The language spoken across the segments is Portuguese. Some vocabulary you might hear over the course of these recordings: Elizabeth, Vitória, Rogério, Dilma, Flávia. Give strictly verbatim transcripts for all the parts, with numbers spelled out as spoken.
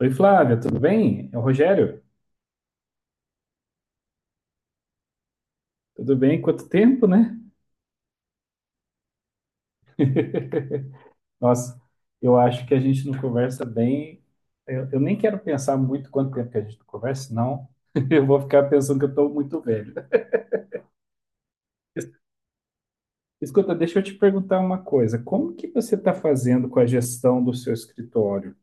Oi, Flávia, tudo bem? É o Rogério. Tudo bem? Quanto tempo, né? Nossa, eu acho que a gente não conversa bem. Eu, eu nem quero pensar muito quanto tempo que a gente não conversa, senão eu vou ficar pensando que eu estou muito velho. Escuta, deixa eu te perguntar uma coisa. Como que você está fazendo com a gestão do seu escritório?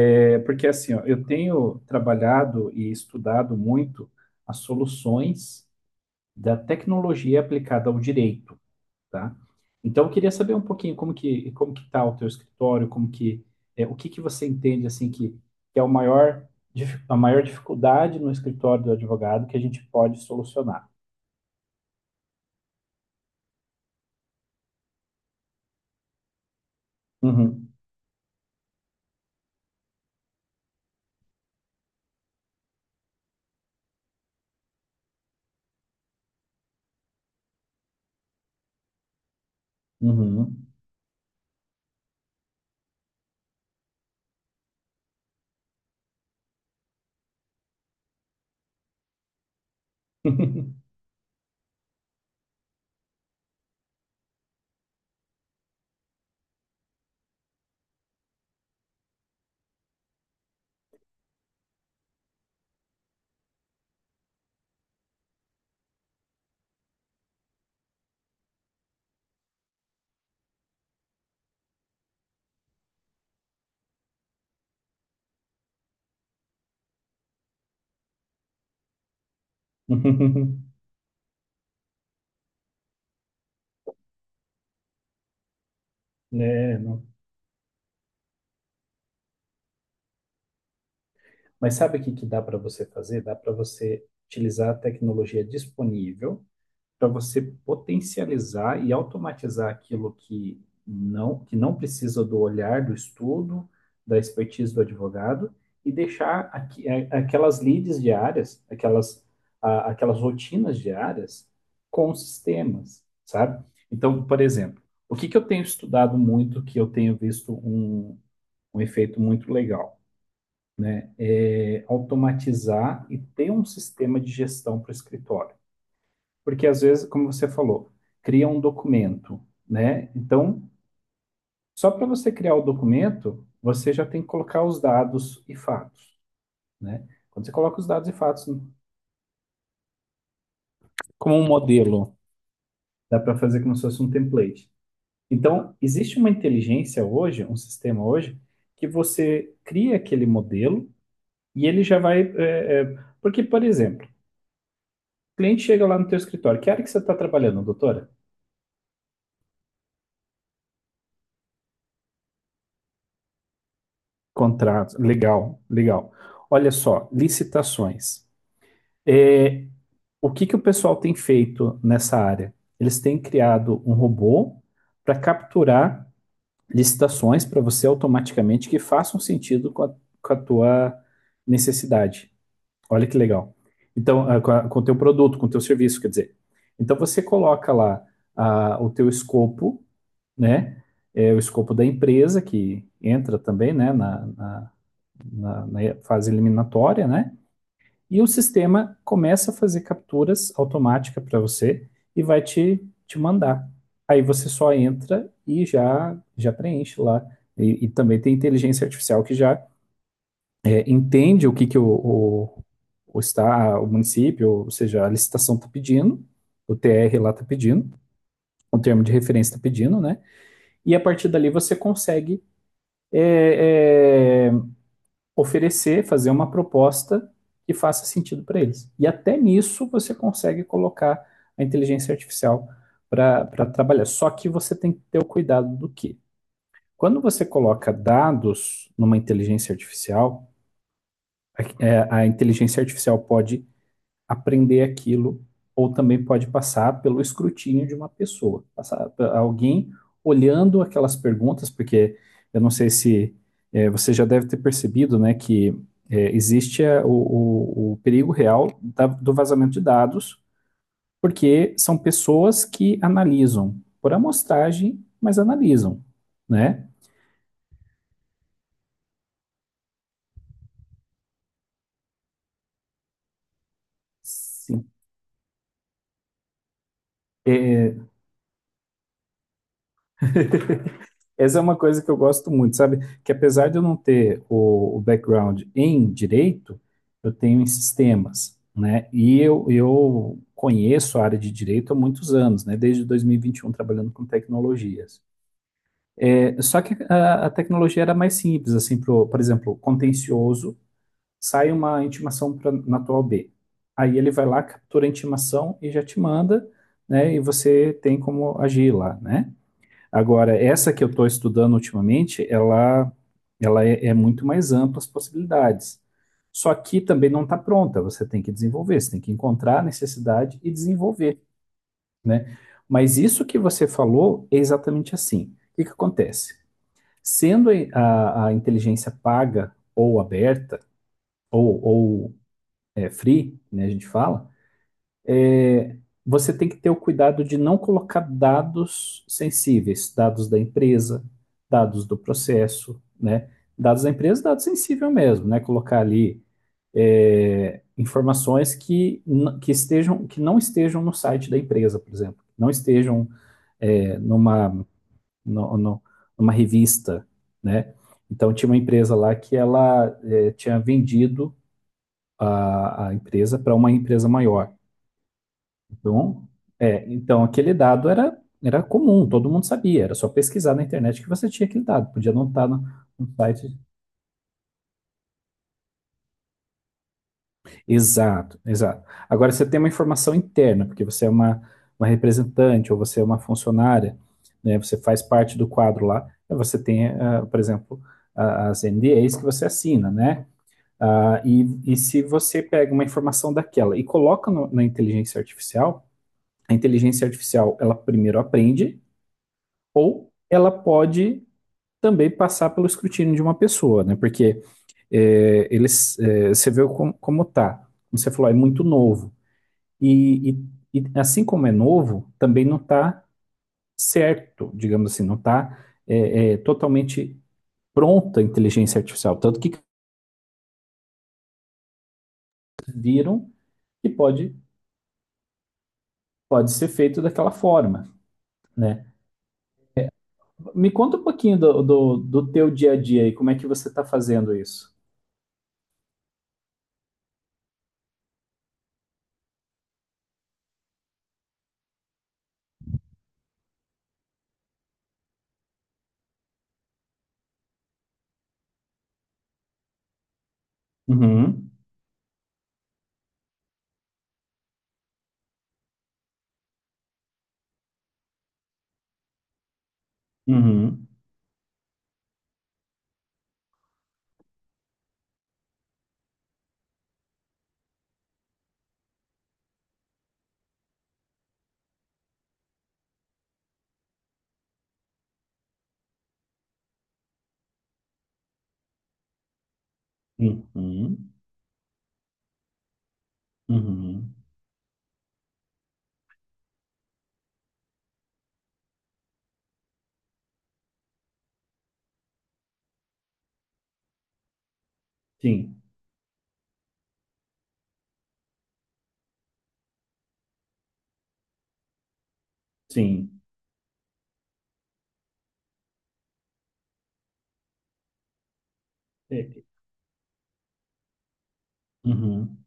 É porque assim, ó, eu tenho trabalhado e estudado muito as soluções da tecnologia aplicada ao direito. Tá? Então, eu queria saber um pouquinho como que como que está o teu escritório, como que é, o que que você entende assim que, que é o maior dif- a maior dificuldade no escritório do advogado que a gente pode solucionar. Uhum, uhum. É, não. Mas sabe o que que dá para você fazer? Dá para você utilizar a tecnologia disponível para você potencializar e automatizar aquilo que não, que não precisa do olhar, do estudo, da expertise do advogado e deixar aqui- é, aquelas leads diárias, aquelas, a- aquelas rotinas diárias com sistemas, sabe? Então, por exemplo, o que que eu tenho estudado muito, que eu tenho visto um, um efeito muito legal? É automatizar e ter um sistema de gestão para o escritório. Porque às vezes, como você falou, cria um documento, né? Então, só para você criar o documento, você já tem que colocar os dados e fatos, né? Quando você coloca os dados e fatos como um modelo, dá para fazer como se fosse um template. Então, existe uma inteligência hoje, um sistema hoje, que você cria aquele modelo e ele já vai. É, é, porque, por exemplo, o cliente chega lá no teu escritório, que área que você está trabalhando, doutora? Contratos, legal, legal. Olha só, licitações. É, o que que o pessoal tem feito nessa área? Eles têm criado um robô para capturar licitações para você automaticamente que façam sentido com a, com a tua necessidade. Olha que legal. Então, ah, com a- com o teu produto, com o teu serviço, quer dizer. Então, você coloca lá ah, o teu escopo, né? É, o escopo da empresa, que entra também, né, na, na na- na fase eliminatória, né? E o sistema começa a fazer capturas automáticas para você e vai te, te mandar. Aí você só entra e já, já preenche lá. E, e também tem inteligência artificial que já é, entende o que, que o, o, o, está, o município, ou seja, a licitação está pedindo, o T R lá está pedindo, o termo de referência está pedindo, né? E a partir dali você consegue é, é, oferecer, fazer uma proposta que faça sentido para eles. E até nisso você consegue colocar a inteligência artificial para trabalhar. Só que você tem que ter o cuidado do que? Quando você coloca dados numa inteligência artificial, a, é, a inteligência artificial pode aprender aquilo, ou também pode passar pelo escrutínio de uma pessoa, passar alguém olhando aquelas perguntas, porque eu não sei se eh, você já deve ter percebido, né, que eh, existe eh, o, o- o perigo real da- do vazamento de dados, porque são pessoas que analisam por amostragem, mas analisam, né? Sim. É, essa é uma coisa que eu gosto muito, sabe? Que apesar de eu não ter o, o background em direito, eu tenho em sistemas, né? E eu, eu conheço a área de direito há muitos anos, né? Desde dois mil e vinte e um trabalhando com tecnologias. É, só que a, a tecnologia era mais simples, assim, pro, por exemplo, contencioso, sai uma intimação pra, na tua O B. Aí ele vai lá, captura a intimação e já te manda, né? E você tem como agir lá, né? Agora, essa que eu estou estudando ultimamente, ela, ela é, é muito mais ampla as possibilidades. Só que também não está pronta, você tem que desenvolver, você tem que encontrar a necessidade e desenvolver, né? Mas isso que você falou é exatamente assim. O que que acontece? Sendo a, a inteligência paga ou aberta, ou, ou é, free, né, a gente fala, você tem que ter o cuidado de não colocar dados sensíveis, dados da empresa, dados do processo, né? Dados da empresa, dados sensível mesmo, né? Colocar ali é, informações que, n- que estejam, que não estejam no site da empresa, por exemplo, não estejam é, numa, no- no- numa revista, né? Então tinha uma empresa lá que ela é, tinha vendido a, a empresa para uma empresa maior. Então, é, então aquele dado era, era comum, todo mundo sabia, era só pesquisar na internet que você tinha aquele dado, podia não estar no, no site. Exato, exato. Agora você tem uma informação interna, porque você é uma, uma representante ou você é uma funcionária, né, você faz parte do quadro lá, aí você tem, ah, por exemplo, a- as N D As que você assina, né? Ah, e, e se você pega uma informação daquela e coloca no- na inteligência artificial, a inteligência artificial, ela primeiro aprende, ou ela pode também passar pelo escrutínio de uma pessoa, né? Porque é, eles, é, você vê como, como tá. Como você falou, é muito novo. E, e, e assim como é novo, também não está certo, digamos assim, não está é, é, totalmente pronta a inteligência artificial. Tanto que viram que pode, pode ser feito daquela forma, né? Me conta um pouquinho do, do, do teu dia a dia e como é que você está fazendo isso. Uhum, uhum, uhum. Uhum. Sim, sim. É, uhum,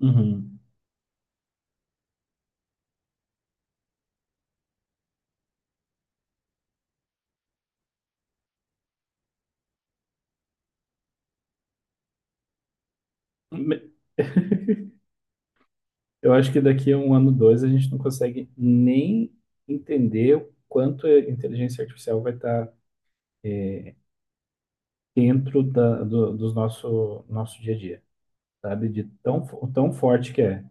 uhum. Me- eu acho que daqui a um ano, dois, a gente não consegue nem entender o quanto a inteligência artificial vai estar dentro da, do, do nosso, nosso dia a dia, sabe? De tão, fo- tão forte que é.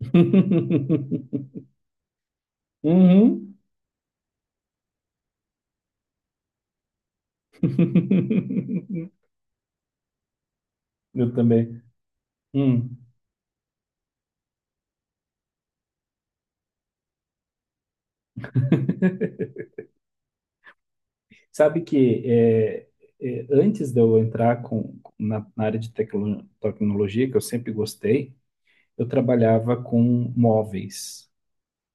Uhum. Eu também. Hum. Sabe que é, é, antes de eu entrar com, na, na área de tecno- tecnologia, que eu sempre gostei, eu trabalhava com móveis,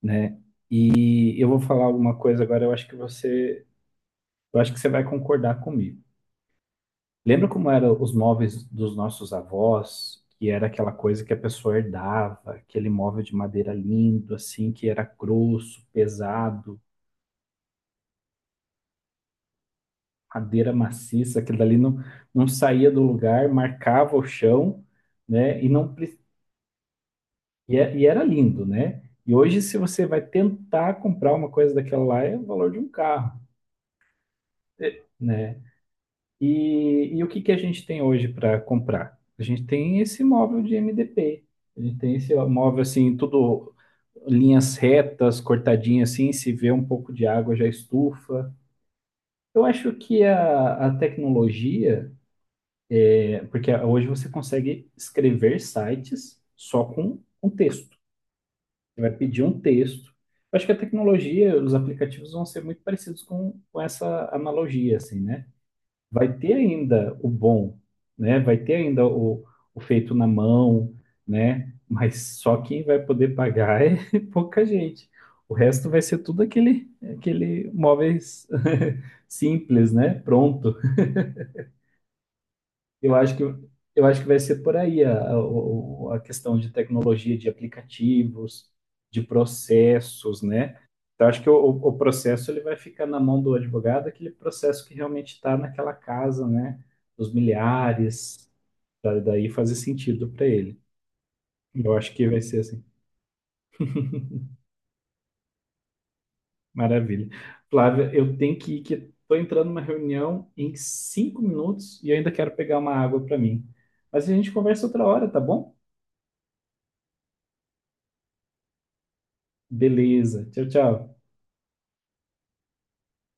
né? E eu vou falar alguma coisa agora, eu acho que você, eu acho que você vai concordar comigo. Lembra como eram os móveis dos nossos avós? Que era aquela coisa que a pessoa herdava, aquele móvel de madeira lindo, assim, que era grosso, pesado, madeira maciça, aquilo dali não, não saía do lugar, marcava o chão, né? E não pre- e, é- E era lindo, né? E hoje, se você vai tentar comprar uma coisa daquela lá, é o valor de um carro. Né? E, e o que que a gente tem hoje para comprar? A gente tem esse móvel de M D P, a gente tem esse móvel assim, tudo linhas retas, cortadinhas assim, se vê um pouco de água já estufa. Eu acho que a, a tecnologia, é, porque hoje você consegue escrever sites só com um texto. Você vai pedir um texto. Eu acho que a tecnologia, os aplicativos vão ser muito parecidos com, com essa analogia, assim, né? Vai ter ainda o bom, né? Vai ter ainda o, o feito na mão, né? Mas só quem vai poder pagar é pouca gente. O resto vai ser tudo aquele, aquele móveis simples, né? Pronto. Eu acho que, eu acho que vai ser por aí a, a, o- a questão de tecnologia, de aplicativos, de processos, né? Então, acho que o, o o processo ele vai ficar na mão do advogado, aquele processo que realmente está naquela casa, né? Dos milhares, pra daí fazer sentido para ele. Eu acho que vai ser assim. Maravilha. Flávia, eu tenho que ir, que estou entrando numa reunião em cinco minutos e eu ainda quero pegar uma água para mim. Mas a gente conversa outra hora, tá bom? Beleza. Tchau, tchau.